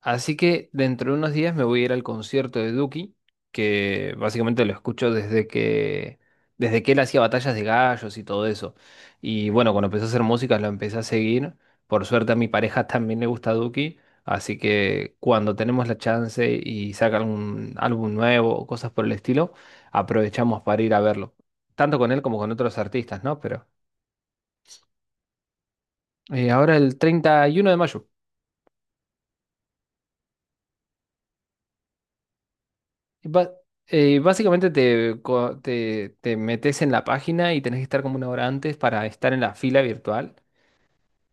Así que dentro de unos días me voy a ir al concierto de Duki, que básicamente lo escucho desde que él hacía batallas de gallos y todo eso. Y bueno, cuando empecé a hacer música lo empecé a seguir. Por suerte a mi pareja también le gusta Duki, así que cuando tenemos la chance y saca algún álbum nuevo o cosas por el estilo, aprovechamos para ir a verlo. Tanto con él como con otros artistas, ¿no? Pero ahora el 31 de mayo. Ba- Básicamente te metes en la página y tenés que estar como una hora antes para estar en la fila virtual.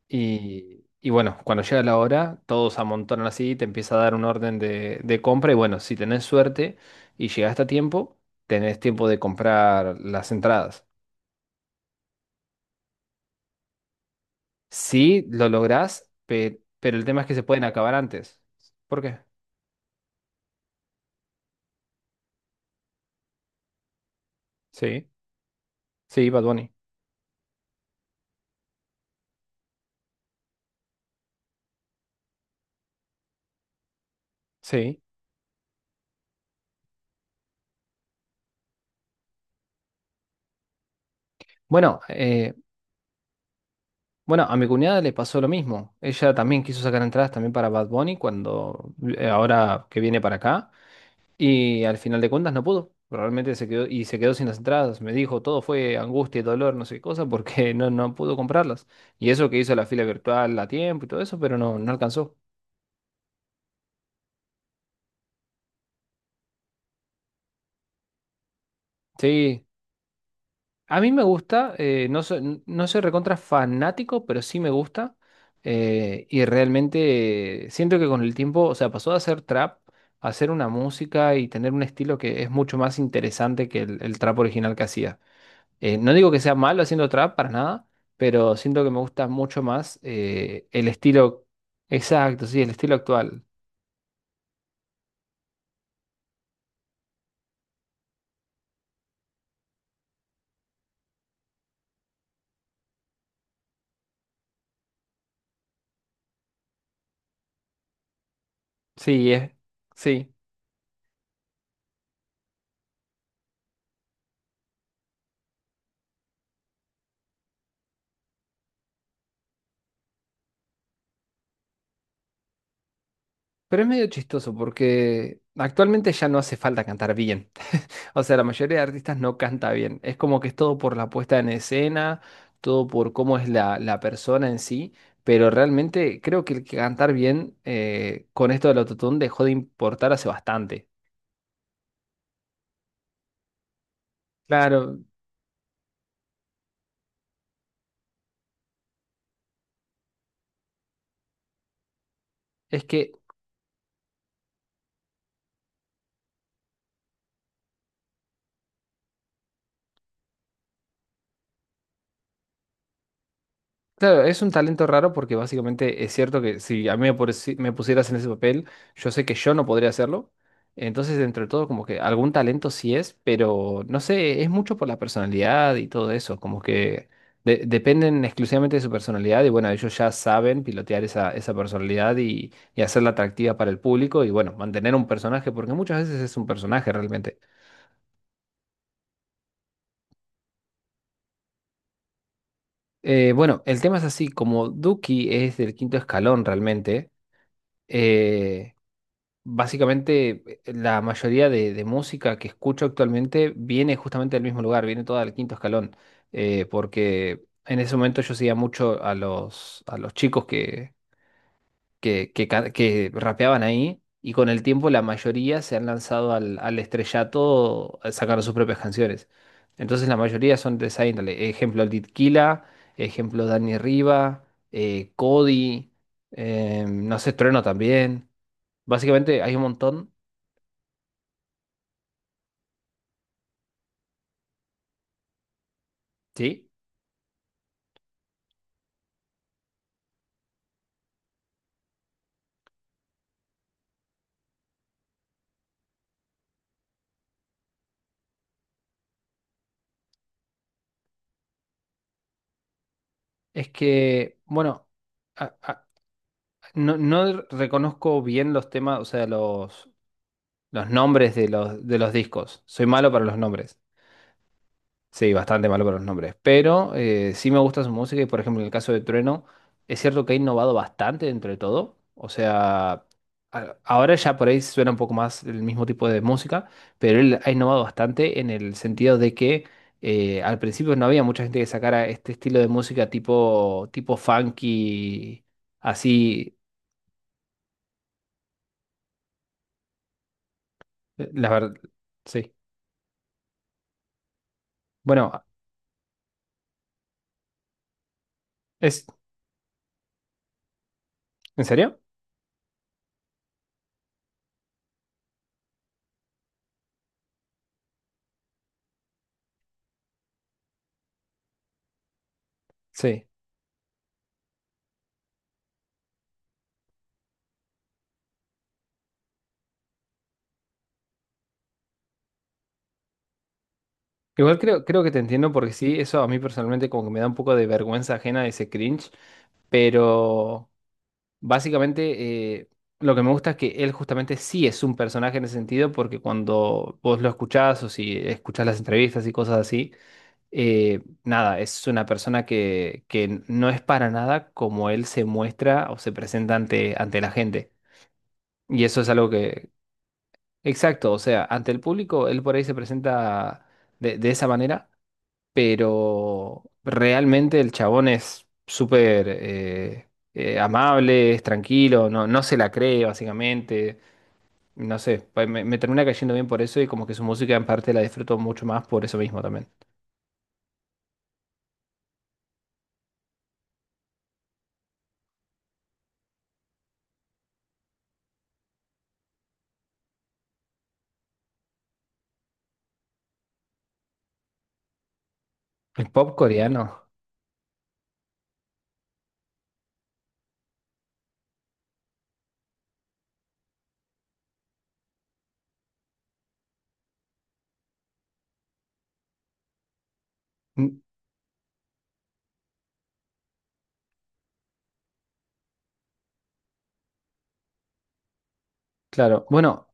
Y bueno, cuando llega la hora, todos amontonan así, te empieza a dar un orden de compra. Y bueno, si tenés suerte y llegaste a tiempo, tenés tiempo de comprar las entradas. Sí, lo lográs, pero el tema es que se pueden acabar antes. ¿Por qué? Sí, sí, Bad Bunny. Sí. Bueno, eh, Bueno, a mi cuñada le pasó lo mismo. Ella también quiso sacar entradas también para Bad Bunny cuando ahora que viene para acá y al final de cuentas no pudo. Realmente se quedó y se quedó sin las entradas. Me dijo, todo fue angustia y dolor, no sé qué cosa, porque no, no pudo comprarlas. Y eso que hizo la fila virtual a tiempo y todo eso, pero no, no alcanzó. Sí, a mí me gusta, no soy recontra fanático, pero sí me gusta. Y realmente siento que con el tiempo, o sea, pasó de hacer trap a hacer una música y tener un estilo que es mucho más interesante que el trap original que hacía. No digo que sea malo haciendo trap para nada, pero siento que me gusta mucho más el estilo exacto, sí, el estilo actual. Sí, es, sí. Pero es medio chistoso porque actualmente ya no hace falta cantar bien. O sea, la mayoría de artistas no canta bien. Es como que es todo por la puesta en escena, todo por cómo es la persona en sí. Pero realmente creo que el que cantar bien con esto del autotune dejó de importar hace bastante. Claro, es que claro, es un talento raro porque básicamente es cierto que si a mí me pusieras en ese papel, yo sé que yo no podría hacerlo. Entonces, entre todo, como que algún talento sí es, pero no sé, es mucho por la personalidad y todo eso, como que dependen exclusivamente de su personalidad y bueno, ellos ya saben pilotear esa personalidad y hacerla atractiva para el público y bueno, mantener un personaje, porque muchas veces es un personaje realmente. Bueno, el tema es así, como Duki es del quinto escalón realmente. Eh, básicamente, la mayoría de música que escucho actualmente viene justamente del mismo lugar, viene toda del Quinto Escalón, porque en ese momento yo seguía mucho a a los chicos que rapeaban ahí, y con el tiempo la mayoría se han lanzado al estrellato sacando sus propias canciones. Entonces la mayoría son de esa índole. Ejemplo Killa, ejemplo Dani Riva, Cody, em, no sé, Trueno también. Básicamente hay un montón. Sí, es que, bueno, a- no, no reconozco bien los temas, o sea, los nombres de de los discos. Soy malo para los nombres. Sí, bastante malo con los nombres, pero sí me gusta su música y por ejemplo en el caso de Trueno, es cierto que ha innovado bastante dentro de todo, o sea, ahora ya por ahí suena un poco más el mismo tipo de música, pero él ha innovado bastante en el sentido de que al principio no había mucha gente que sacara este estilo de música tipo funky, así, la verdad, sí. Bueno, ¿es en serio? Sí. Igual creo que te entiendo porque sí, eso a mí personalmente como que me da un poco de vergüenza ajena ese cringe, pero básicamente lo que me gusta es que él justamente sí es un personaje en ese sentido porque cuando vos lo escuchás o si escuchás las entrevistas y cosas así, nada, es una persona que no es para nada como él se muestra o se presenta ante la gente. Y eso es algo que, exacto, o sea, ante el público él por ahí se presenta de esa manera pero realmente el chabón es súper amable, es tranquilo, no, no se la cree básicamente, no sé, me termina cayendo bien por eso y como que su música en parte la disfruto mucho más por eso mismo también. El pop coreano, mm, claro, bueno,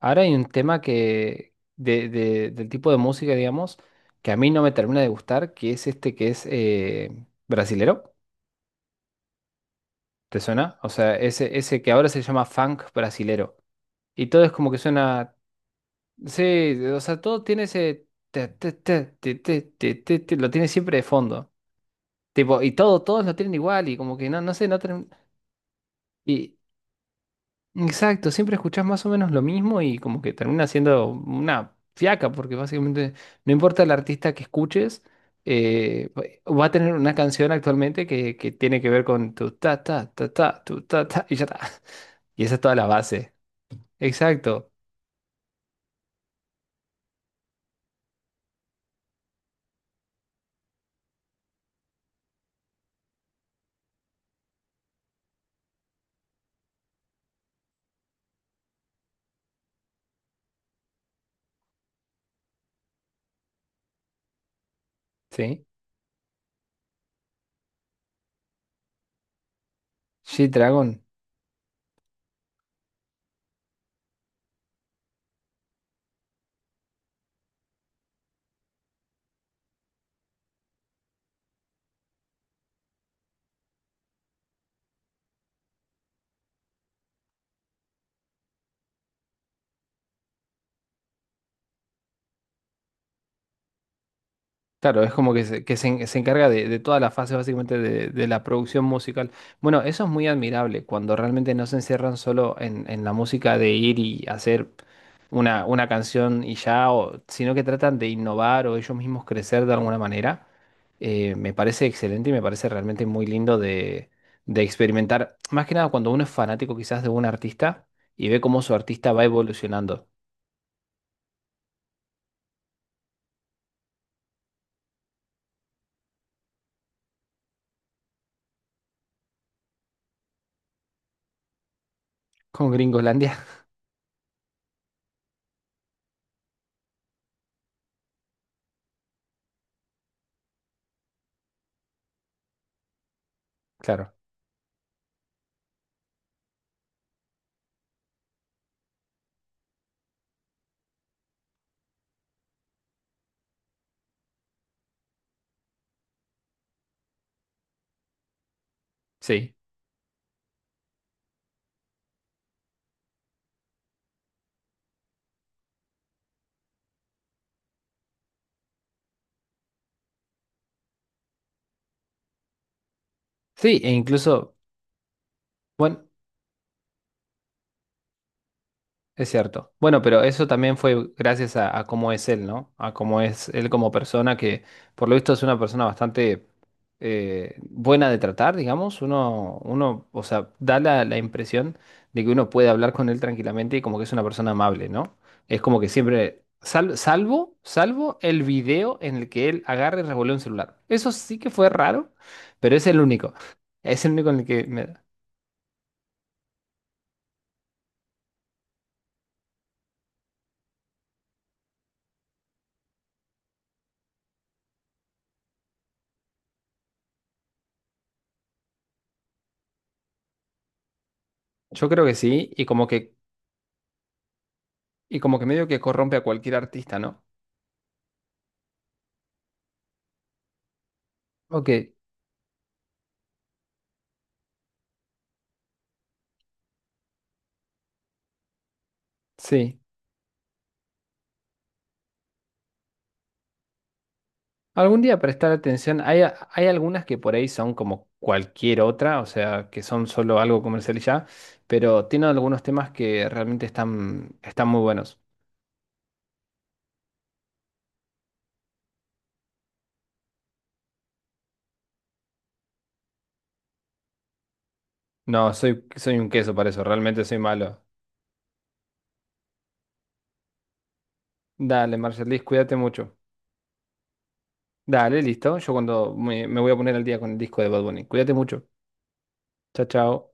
ahora hay un tema que del tipo de música, digamos, que a mí no me termina de gustar, que es este que es brasilero. ¿Te suena? O sea, ese que ahora se llama funk brasilero. Y todo es como que suena sí, o sea, todo tiene ese lo tiene siempre de fondo. Tipo, y todo, todos lo tienen igual y como que no, no sé, no term- y exacto, siempre escuchás más o menos lo mismo y como que termina siendo una fiaca, porque básicamente no importa el artista que escuches, va a tener una canción actualmente que tiene que ver con tu ta ta ta ta, tu ta ta y ya está. Y esa es toda la base. Exacto, ¿sí? G-Dragon. Claro, es como que se encarga de toda la fase básicamente de la producción musical. Bueno, eso es muy admirable, cuando realmente no se encierran solo en la música de ir y hacer una canción y ya, sino que tratan de innovar o ellos mismos crecer de alguna manera. Me parece excelente y me parece realmente muy lindo de experimentar. Más que nada cuando uno es fanático quizás de un artista y ve cómo su artista va evolucionando. Con Gringolandia, claro, sí. Sí, e incluso... Bueno, es cierto. Bueno, pero eso también fue gracias a cómo es él, ¿no? A cómo es él como persona, que por lo visto es una persona bastante buena de tratar, digamos. O sea, da la impresión de que uno puede hablar con él tranquilamente y como que es una persona amable, ¿no? Es como que siempre, salvo el video en el que él agarra y revuelve un celular. Eso sí que fue raro, pero es el único. Es el único en el que me- yo creo que sí, y como que medio que corrompe a cualquier artista, ¿no? Ok, sí. Algún día prestar atención. Hay algunas que por ahí son como cualquier otra, o sea, que son solo algo comercial y ya, pero tienen algunos temas que realmente están, están muy buenos. No, soy, soy un queso para eso, realmente soy malo. Dale, Marshall Liz, cuídate mucho. Dale, listo. Yo cuando me voy a poner al día con el disco de Bad Bunny. Cuídate mucho. Chao, chao.